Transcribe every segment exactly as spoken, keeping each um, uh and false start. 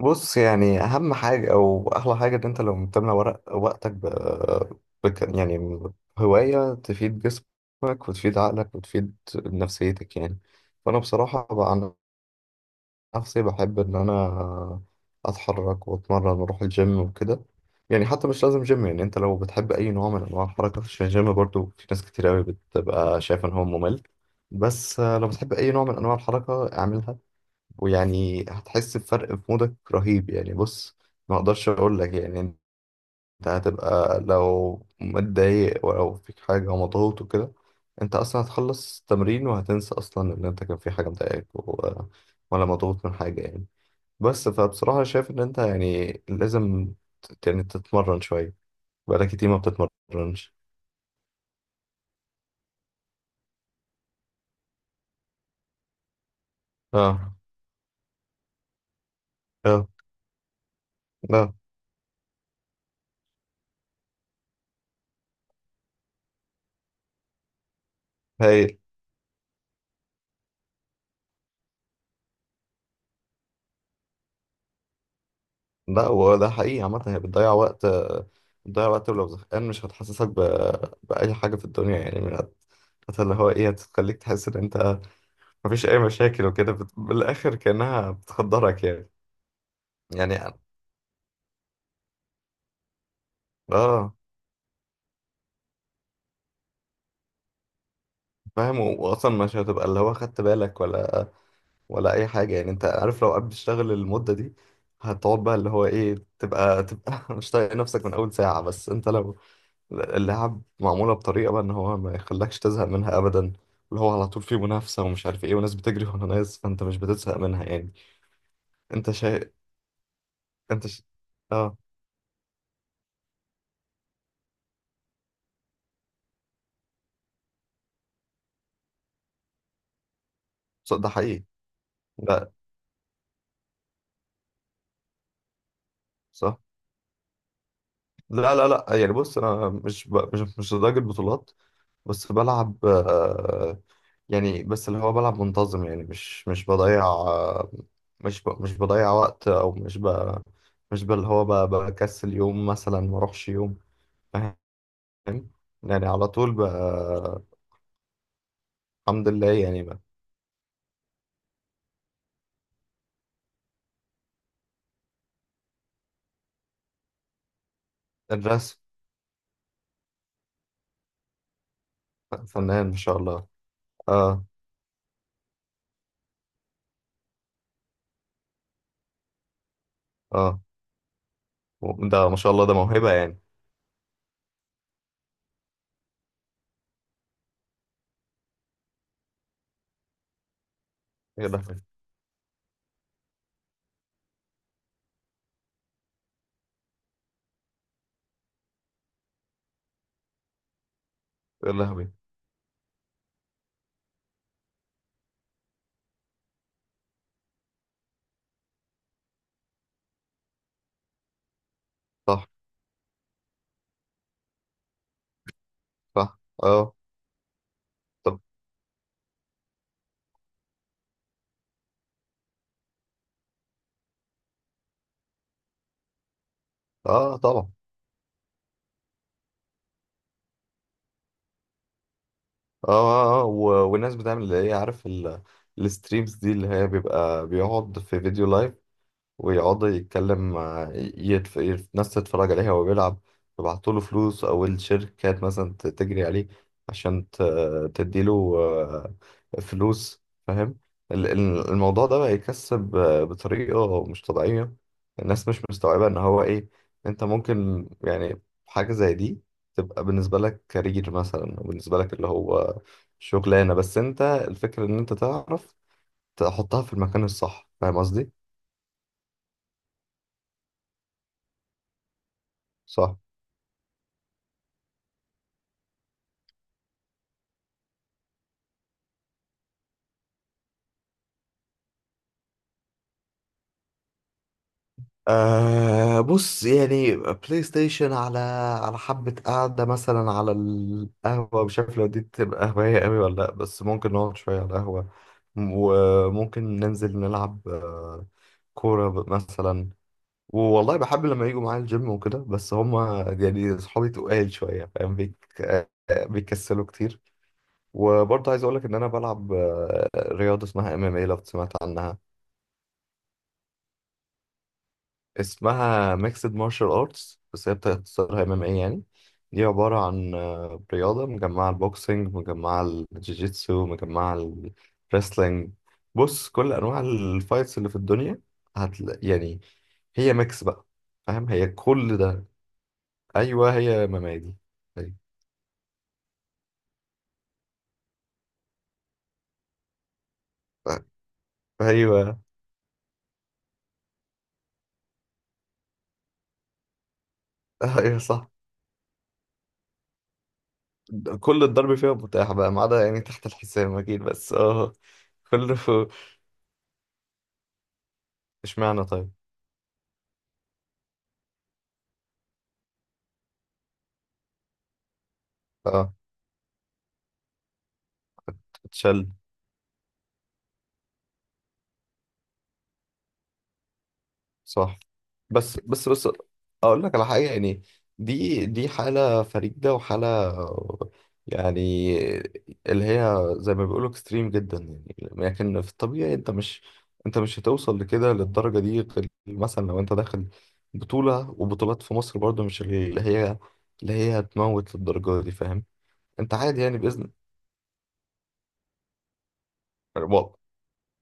بص، يعني اهم حاجه او احلى حاجه ان انت لو بتملى ورق وقتك ب... بك... يعني هوايه تفيد جسمك وتفيد عقلك وتفيد نفسيتك يعني. فانا بصراحه بقى عن نفسي بحب ان انا اتحرك واتمرن واروح الجيم وكده، يعني حتى مش لازم جيم. يعني انت لو بتحب اي نوع من انواع الحركه، عشان الجيم برضو في ناس كتير قوي بتبقى شايفه ان هو ممل، بس لو بتحب اي نوع من انواع الحركه اعملها، ويعني هتحس بفرق في مودك رهيب. يعني بص، ما اقدرش اقول لك، يعني انت هتبقى لو متضايق ولو فيك حاجة ومضغوط وكده، انت اصلا هتخلص تمرين وهتنسى اصلا ان انت كان في حاجة مضايقاك و- ولا مضغوط من حاجة يعني. بس فبصراحة شايف ان انت يعني لازم ت- يعني تتمرن شوية. بقالك كتير ما بتتمرنش. اه اه اه هايل. لا هو ده حقيقي، عامة هي بتضيع وقت، بتضيع وقت ولو زهقان مش هتحسسك ب... بأي حاجة في الدنيا، يعني من هت... هت- اللي هو إيه، هتخليك تحس إن أنت مفيش أي مشاكل وكده، بت... بالآخر كأنها بتخدرك يعني. يعني آه. فاهم، و- وأصلا مش هتبقى اللي هو خدت بالك ولا ولا أي حاجة يعني، أنت عارف لو قبل تشتغل المدة دي هتقعد بقى اللي هو إيه، تبقى تبقى مش طايق نفسك من أول ساعة. بس أنت لو اللعب معمولة بطريقة بقى ان هو ما يخلكش تزهق منها ابدا، اللي هو على طول فيه منافسة ومش عارف ايه وناس بتجري ورا ناس، فانت مش بتزهق منها يعني. انت شا... انت ش... اه. ص- ده حقيقي. لا. صح. لا لا لا، يعني بص انا مش ب... مش مش لدرجة بطولات، بس بلعب آه، يعني بس اللي هو بلعب منتظم، يعني مش مش بضيع آه، مش ب... مش بضيع وقت، او مش ب... مش بقى اللي هو ب... بكسل يوم مثلا ما اروحش يوم. فاهم؟ يعني على طول بقى. الحمد لله يعني بقى. الرسم. فنان، ما شاء الله. اه اه. ده ما شاء الله، ده موهبة يعني. يا لهوي. يا لهوي. صح. صح اه. طب. اه، طبعا. اه اه، آه. و... والناس بتعمل اللي هي عارف ال... الستريمز دي اللي هي بيبقى بيقعد في فيديو لايف ويقعد يتكلم مع يتف... يتف- ناس تتفرج عليه وهو بيلعب، يبعتوا له فلوس، أو الشركات مثلا ت- تجري عليه عشان ت... تديله آه، فلوس. فاهم، ال- ال- الموضوع ده بقى يكسب آه، بطريقة مش طبيعية. الناس مش مستوعبة إن هو إيه، أنت ممكن يعني حاجة زي دي تبقى بالنسبة لك كارير مثلا، أو بالنسبة لك اللي هو شغلانة، بس أنت الفكرة إن أنت تعرف تحطها في المكان الصح، فاهم قصدي؟ صح. أه بص، يعني بلاي ستيشن على على حبة قعدة مثلا على القهوة، مش عارف لو دي تبقى هواية قوي ولا لأ، بس ممكن نقعد شوية على القهوة وممكن ننزل نلعب آه، كورة ب- مثلا. والله بحب لما يجوا معايا الجيم وكده بس هما يعني صحابي تقال شوية، فاهم بيك آه، بيكسلوا كتير. وبرضه عايز أقولك إن أنا بلعب آه، رياضة اسمها ام ام اي، لو سمعت عنها. اسمها ميكسد مارشال ارتس، بس هي بتختصرها ام ام اي يعني. دي عبارة عن آه، رياضة مجمعة، البوكسينج مجمعة، الجيجيتسو مجمعة، الريسلينج. بص، كل انواع الفايتس اللي في الدنيا هتلاقي يعني، هي ميكس بقى. فاهم، هي كل ده. ايوه هي ممادي. أيوة. ايوه. ايوه صح. كل الضرب فيها متاح بقى، ما عدا يعني تحت الحزام اكيد، بس اه. كله. اشمعنى طيب. اه. تشل. صح. بس بس بس، اقول لك على حاجه يعني، دي دي حاله فريده وحاله، يعني اللي هي زي ما بيقولوا اكستريم جدا يعني. لكن في الطبيعي انت مش انت مش هتوصل لكده، للدرجه دي، غير مثلا لو انت داخل بطوله. وبطولات في مصر برضو مش اللي هي اللي هي هتموت للدرجه دي، فاهم؟ انت عادي يعني. باذن.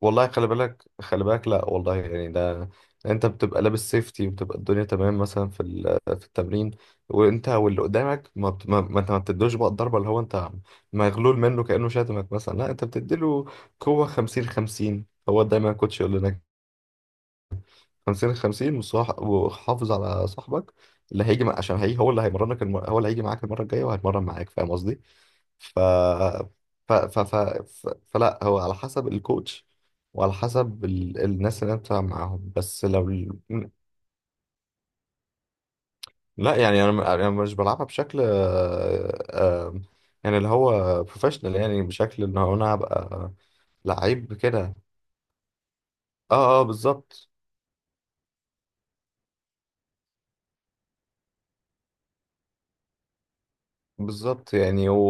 والله خلي بالك، خلي بالك. لا والله، يعني ده انت بتبقى لابس سيفتي وبتبقى الدنيا تمام، مثلا في ال- في التمرين، وانت واللي قدامك، ما بت- ما ما انت ما بتدوش بقى الضربه اللي هو انت مغلول منه كانه شاتمك مثلا، لا انت بتديله قوه خمسين خمسين. هو دايما الكوتش يقول لنا خمسين خمسين، وصاح- وحافظ على صاحبك اللي هيجي مع... عشان هي هو اللي هيمرنك الم... هو اللي هيجي معاك المره الجايه وهيتمرن معاك، فاهم قصدي؟ ف... ف... ف... ف... ف... فلا، هو على حسب الكوتش وعلى حسب ال... الناس اللي انت معاهم، بس لو ال- لا يعني، انا انا مش بلعبها بشكل آه، آه، يعني اللي هو بروفيشنال، يعني بشكل ان هو انا هبقى لعيب كده. اه اه، بالظبط. بالظبط يعني، و...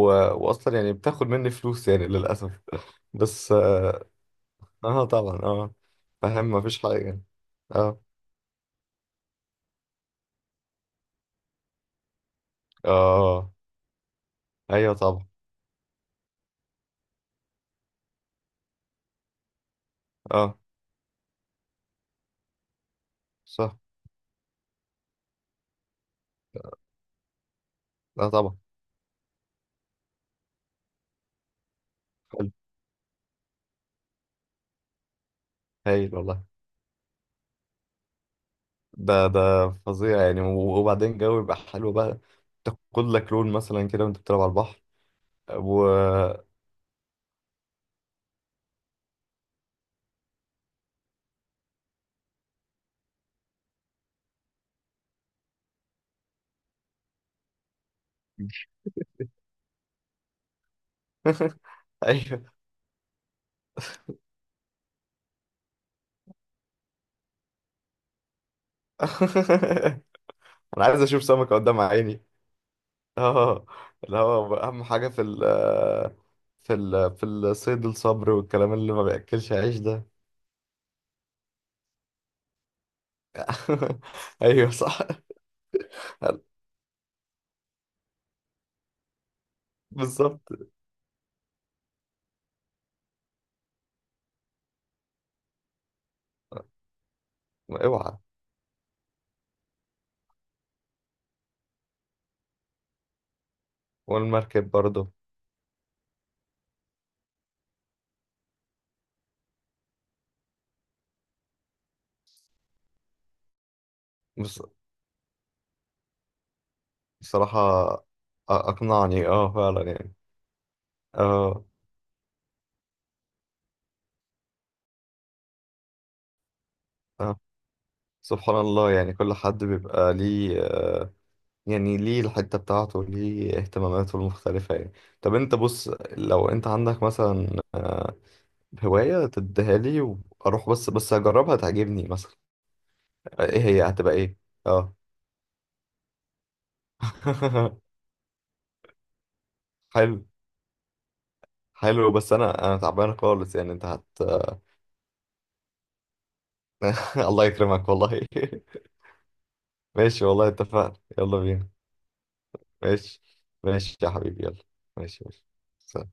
واصلا يعني بتاخد مني فلوس، يعني للاسف بس اه، آه، طبعا اه. فاهم، مفيش حاجه. اه اه آه، آه، ايوه طبعا. اه. صح. لا طبعا. حلو. هايل والله. ده ده فظيع يعني، و- وبعدين جو يبقى حلو بقى، تاخد لك لون مثلا كده وانت بتلعب على البحر. و. ايوه. انا عايز اشوف سمكة قدام عيني. اه، اللي هو اهم حاجة في ال في ال في الصيد الصبر، والكلام اللي ما بياكلش عيش ده. ايوه صح. بالظبط. اوعى. والمركب برضه. بص- بصراحة، أ- اقنعني اه، فعلا يعني. اه. آه. سبحان الله، يعني كل حد بيبقى ليه آه، يعني ليه الحتة بتاعته، ليه اهتماماته المختلفة يعني. طب انت بص، لو انت عندك مثلا آه، هواية تديها لي واروح بس بس اجربها تعجبني مثلا. آه، ايه، هي هتبقى ايه؟ اه. حلو. حلو بس انا انا تعبان خالص يعني، انت هت. الله يكرمك والله. ماشي والله، اتفقنا، يلا بينا. ماشي. ماشي يا حبيبي، يلا. ماشي ماشي.